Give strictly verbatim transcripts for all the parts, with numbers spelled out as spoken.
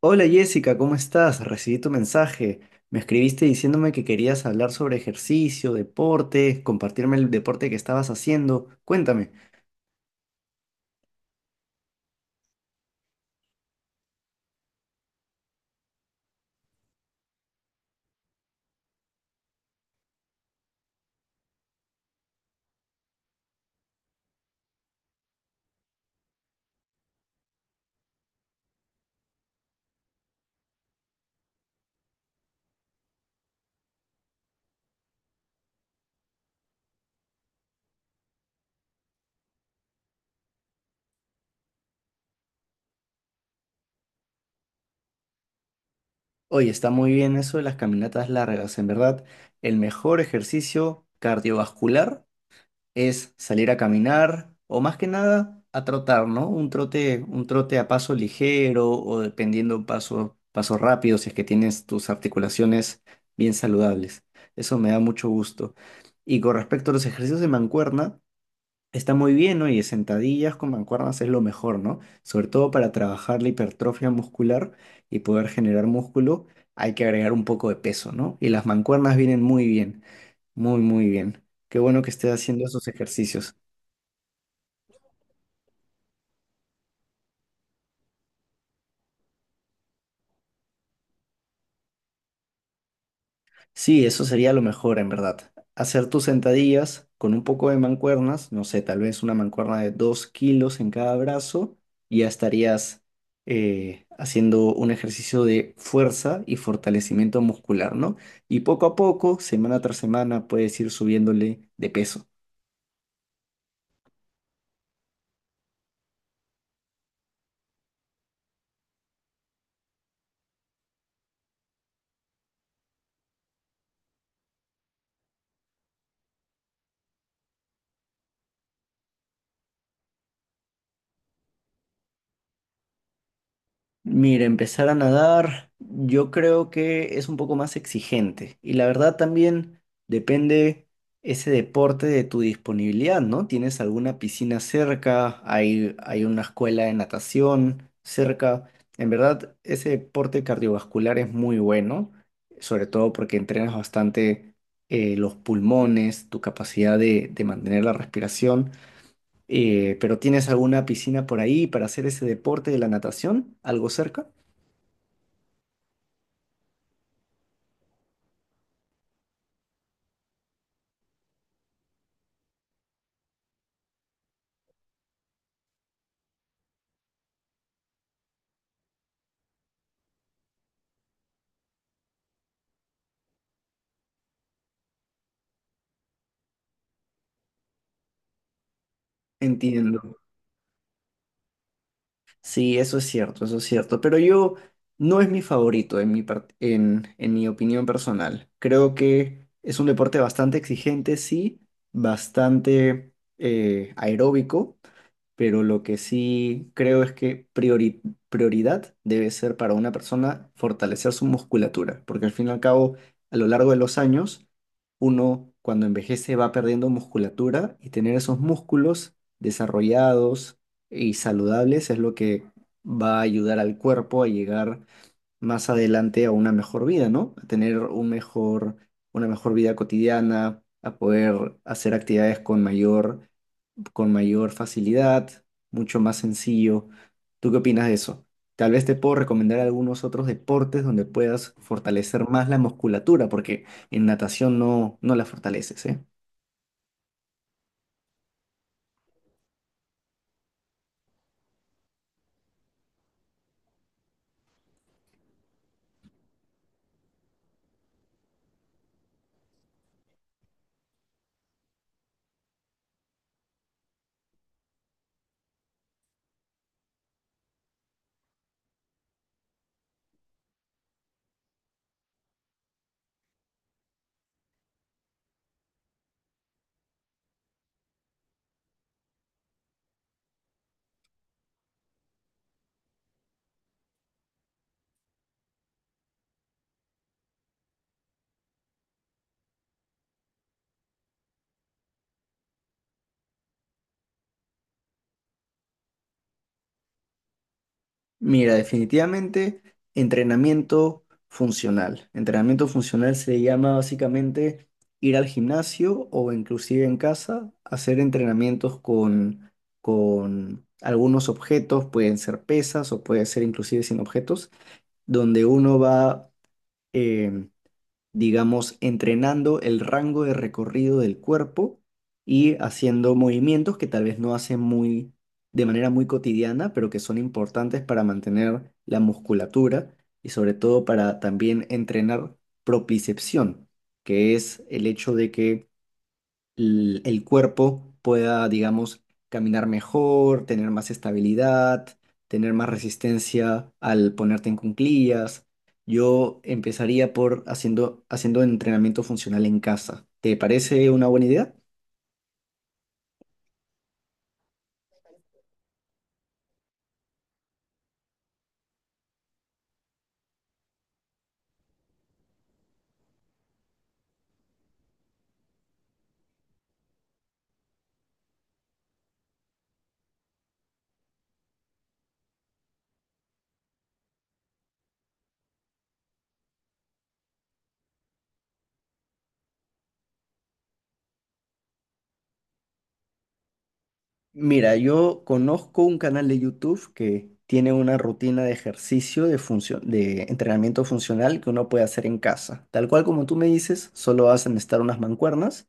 Hola Jessica, ¿cómo estás? Recibí tu mensaje. Me escribiste diciéndome que querías hablar sobre ejercicio, deporte, compartirme el deporte que estabas haciendo. Cuéntame. Oye, está muy bien eso de las caminatas largas. En verdad, el mejor ejercicio cardiovascular es salir a caminar o más que nada a trotar, ¿no? Un trote, un trote a paso ligero o dependiendo paso, paso rápido si es que tienes tus articulaciones bien saludables. Eso me da mucho gusto. Y con respecto a los ejercicios de mancuerna, está muy bien, ¿no? Y sentadillas con mancuernas es lo mejor, ¿no? Sobre todo para trabajar la hipertrofia muscular y poder generar músculo, hay que agregar un poco de peso, ¿no? Y las mancuernas vienen muy bien, muy, muy bien. Qué bueno que estés haciendo esos ejercicios. Sí, eso sería lo mejor en verdad. Hacer tus sentadillas con un poco de mancuernas, no sé, tal vez una mancuerna de dos kilos en cada brazo, y ya estarías eh, haciendo un ejercicio de fuerza y fortalecimiento muscular, ¿no? Y poco a poco, semana tras semana, puedes ir subiéndole de peso. Mira, empezar a nadar, yo creo que es un poco más exigente. Y la verdad también depende ese deporte de tu disponibilidad, ¿no? ¿Tienes alguna piscina cerca? ¿Hay, hay una escuela de natación cerca? En verdad, ese deporte cardiovascular es muy bueno, sobre todo porque entrenas bastante eh, los pulmones, tu capacidad de, de mantener la respiración. Eh, pero ¿tienes alguna piscina por ahí para hacer ese deporte de la natación? ¿Algo cerca? Entiendo. Sí, eso es cierto, eso es cierto. Pero yo no es mi favorito en mi, par- en, en mi opinión personal. Creo que es un deporte bastante exigente, sí, bastante eh, aeróbico, pero lo que sí creo es que priori- prioridad debe ser para una persona fortalecer su musculatura, porque al fin y al cabo, a lo largo de los años, uno cuando envejece va perdiendo musculatura y tener esos músculos desarrollados y saludables es lo que va a ayudar al cuerpo a llegar más adelante a una mejor vida, ¿no? A tener un mejor, una mejor vida cotidiana, a poder hacer actividades con mayor con mayor facilidad, mucho más sencillo. ¿Tú qué opinas de eso? Tal vez te puedo recomendar algunos otros deportes donde puedas fortalecer más la musculatura, porque en natación no, no la fortaleces, ¿eh? Mira, definitivamente entrenamiento funcional. Entrenamiento funcional se llama básicamente ir al gimnasio o inclusive en casa, hacer entrenamientos con, con algunos objetos, pueden ser pesas o puede ser inclusive sin objetos donde uno va, eh, digamos, entrenando el rango de recorrido del cuerpo y haciendo movimientos que tal vez no hace muy, de manera muy cotidiana, pero que son importantes para mantener la musculatura y sobre todo para también entrenar propicepción, que es el hecho de que l- el cuerpo pueda, digamos, caminar mejor, tener más estabilidad, tener más resistencia al ponerte en cuclillas. Yo empezaría por haciendo, haciendo entrenamiento funcional en casa. ¿Te parece una buena idea? Mira, yo conozco un canal de YouTube que tiene una rutina de ejercicio de funcio- de entrenamiento funcional que uno puede hacer en casa. Tal cual como tú me dices, solo hacen estar unas mancuernas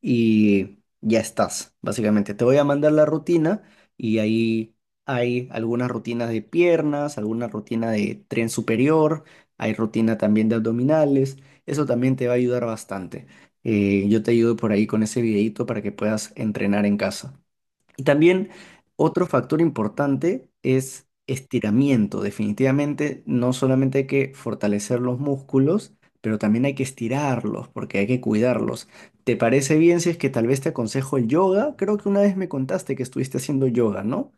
y ya estás, básicamente. Te voy a mandar la rutina y ahí hay algunas rutinas de piernas, alguna rutina de tren superior, hay rutina también de abdominales. Eso también te va a ayudar bastante. Eh, yo te ayudo por ahí con ese videito para que puedas entrenar en casa. Y también otro factor importante es estiramiento. Definitivamente no solamente hay que fortalecer los músculos, pero también hay que estirarlos porque hay que cuidarlos. ¿Te parece bien si es que tal vez te aconsejo el yoga? Creo que una vez me contaste que estuviste haciendo yoga, ¿no?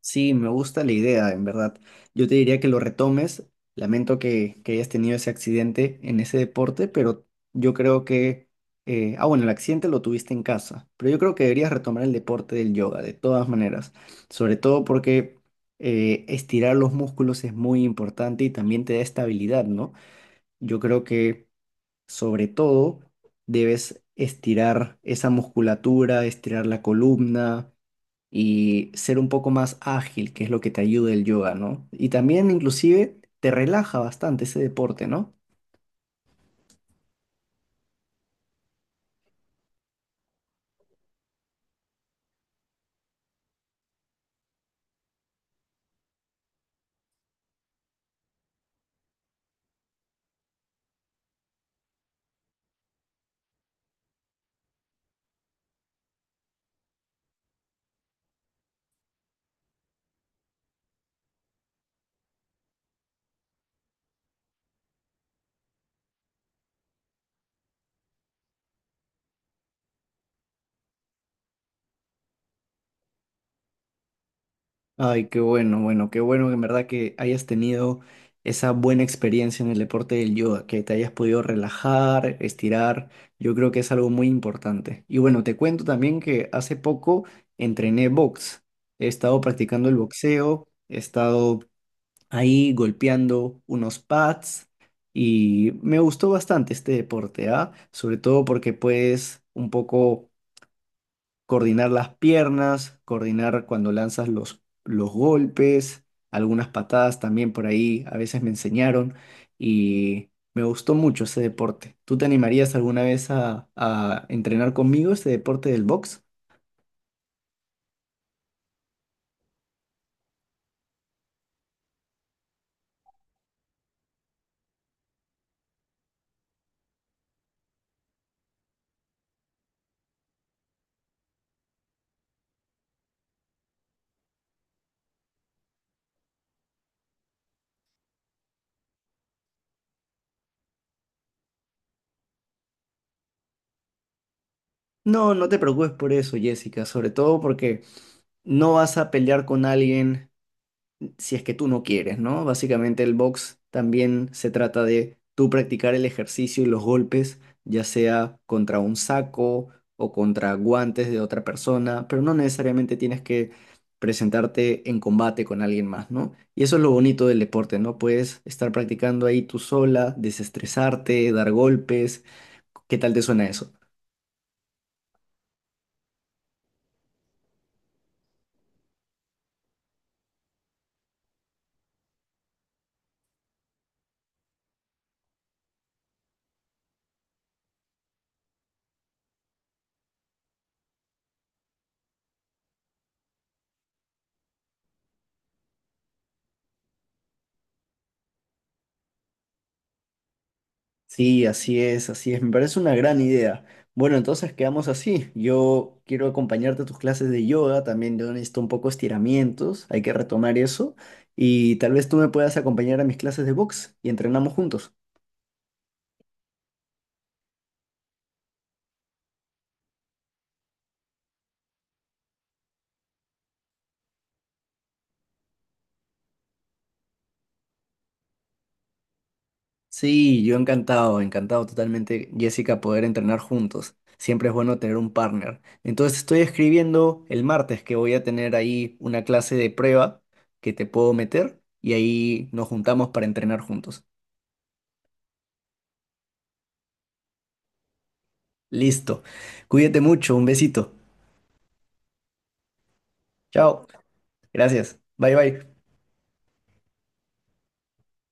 Sí, me gusta la idea, en verdad. Yo te diría que lo retomes. Lamento que, que hayas tenido ese accidente en ese deporte, pero yo creo que... eh, ah, bueno, el accidente lo tuviste en casa, pero yo creo que deberías retomar el deporte del yoga, de todas maneras. Sobre todo porque eh, estirar los músculos es muy importante y también te da estabilidad, ¿no? Yo creo que sobre todo debes estirar esa musculatura, estirar la columna y ser un poco más ágil, que es lo que te ayuda el yoga, ¿no? Y también inclusive te relaja bastante ese deporte, ¿no? Ay, qué bueno, bueno, qué bueno que en verdad que hayas tenido esa buena experiencia en el deporte del yoga, que te hayas podido relajar, estirar. Yo creo que es algo muy importante. Y bueno, te cuento también que hace poco entrené box. He estado practicando el boxeo, he estado ahí golpeando unos pads y me gustó bastante este deporte, ¿ah? Sobre todo porque puedes un poco coordinar las piernas, coordinar cuando lanzas los, los golpes, algunas patadas también por ahí, a veces me enseñaron y me gustó mucho ese deporte. ¿Tú te animarías alguna vez a, a entrenar conmigo este deporte del box? No, no te preocupes por eso, Jessica, sobre todo porque no vas a pelear con alguien si es que tú no quieres, ¿no? Básicamente el box también se trata de tú practicar el ejercicio y los golpes, ya sea contra un saco o contra guantes de otra persona, pero no necesariamente tienes que presentarte en combate con alguien más, ¿no? Y eso es lo bonito del deporte, ¿no? Puedes estar practicando ahí tú sola, desestresarte, dar golpes. ¿Qué tal te suena eso? Sí, así es, así es. Me parece una gran idea. Bueno, entonces quedamos así. Yo quiero acompañarte a tus clases de yoga, también yo necesito un poco estiramientos, hay que retomar eso. Y tal vez tú me puedas acompañar a mis clases de box y entrenamos juntos. Sí, yo encantado, encantado totalmente, Jessica, poder entrenar juntos. Siempre es bueno tener un partner. Entonces estoy escribiendo el martes que voy a tener ahí una clase de prueba que te puedo meter y ahí nos juntamos para entrenar juntos. Listo. Cuídate mucho. Un besito. Chao. Gracias. Bye bye.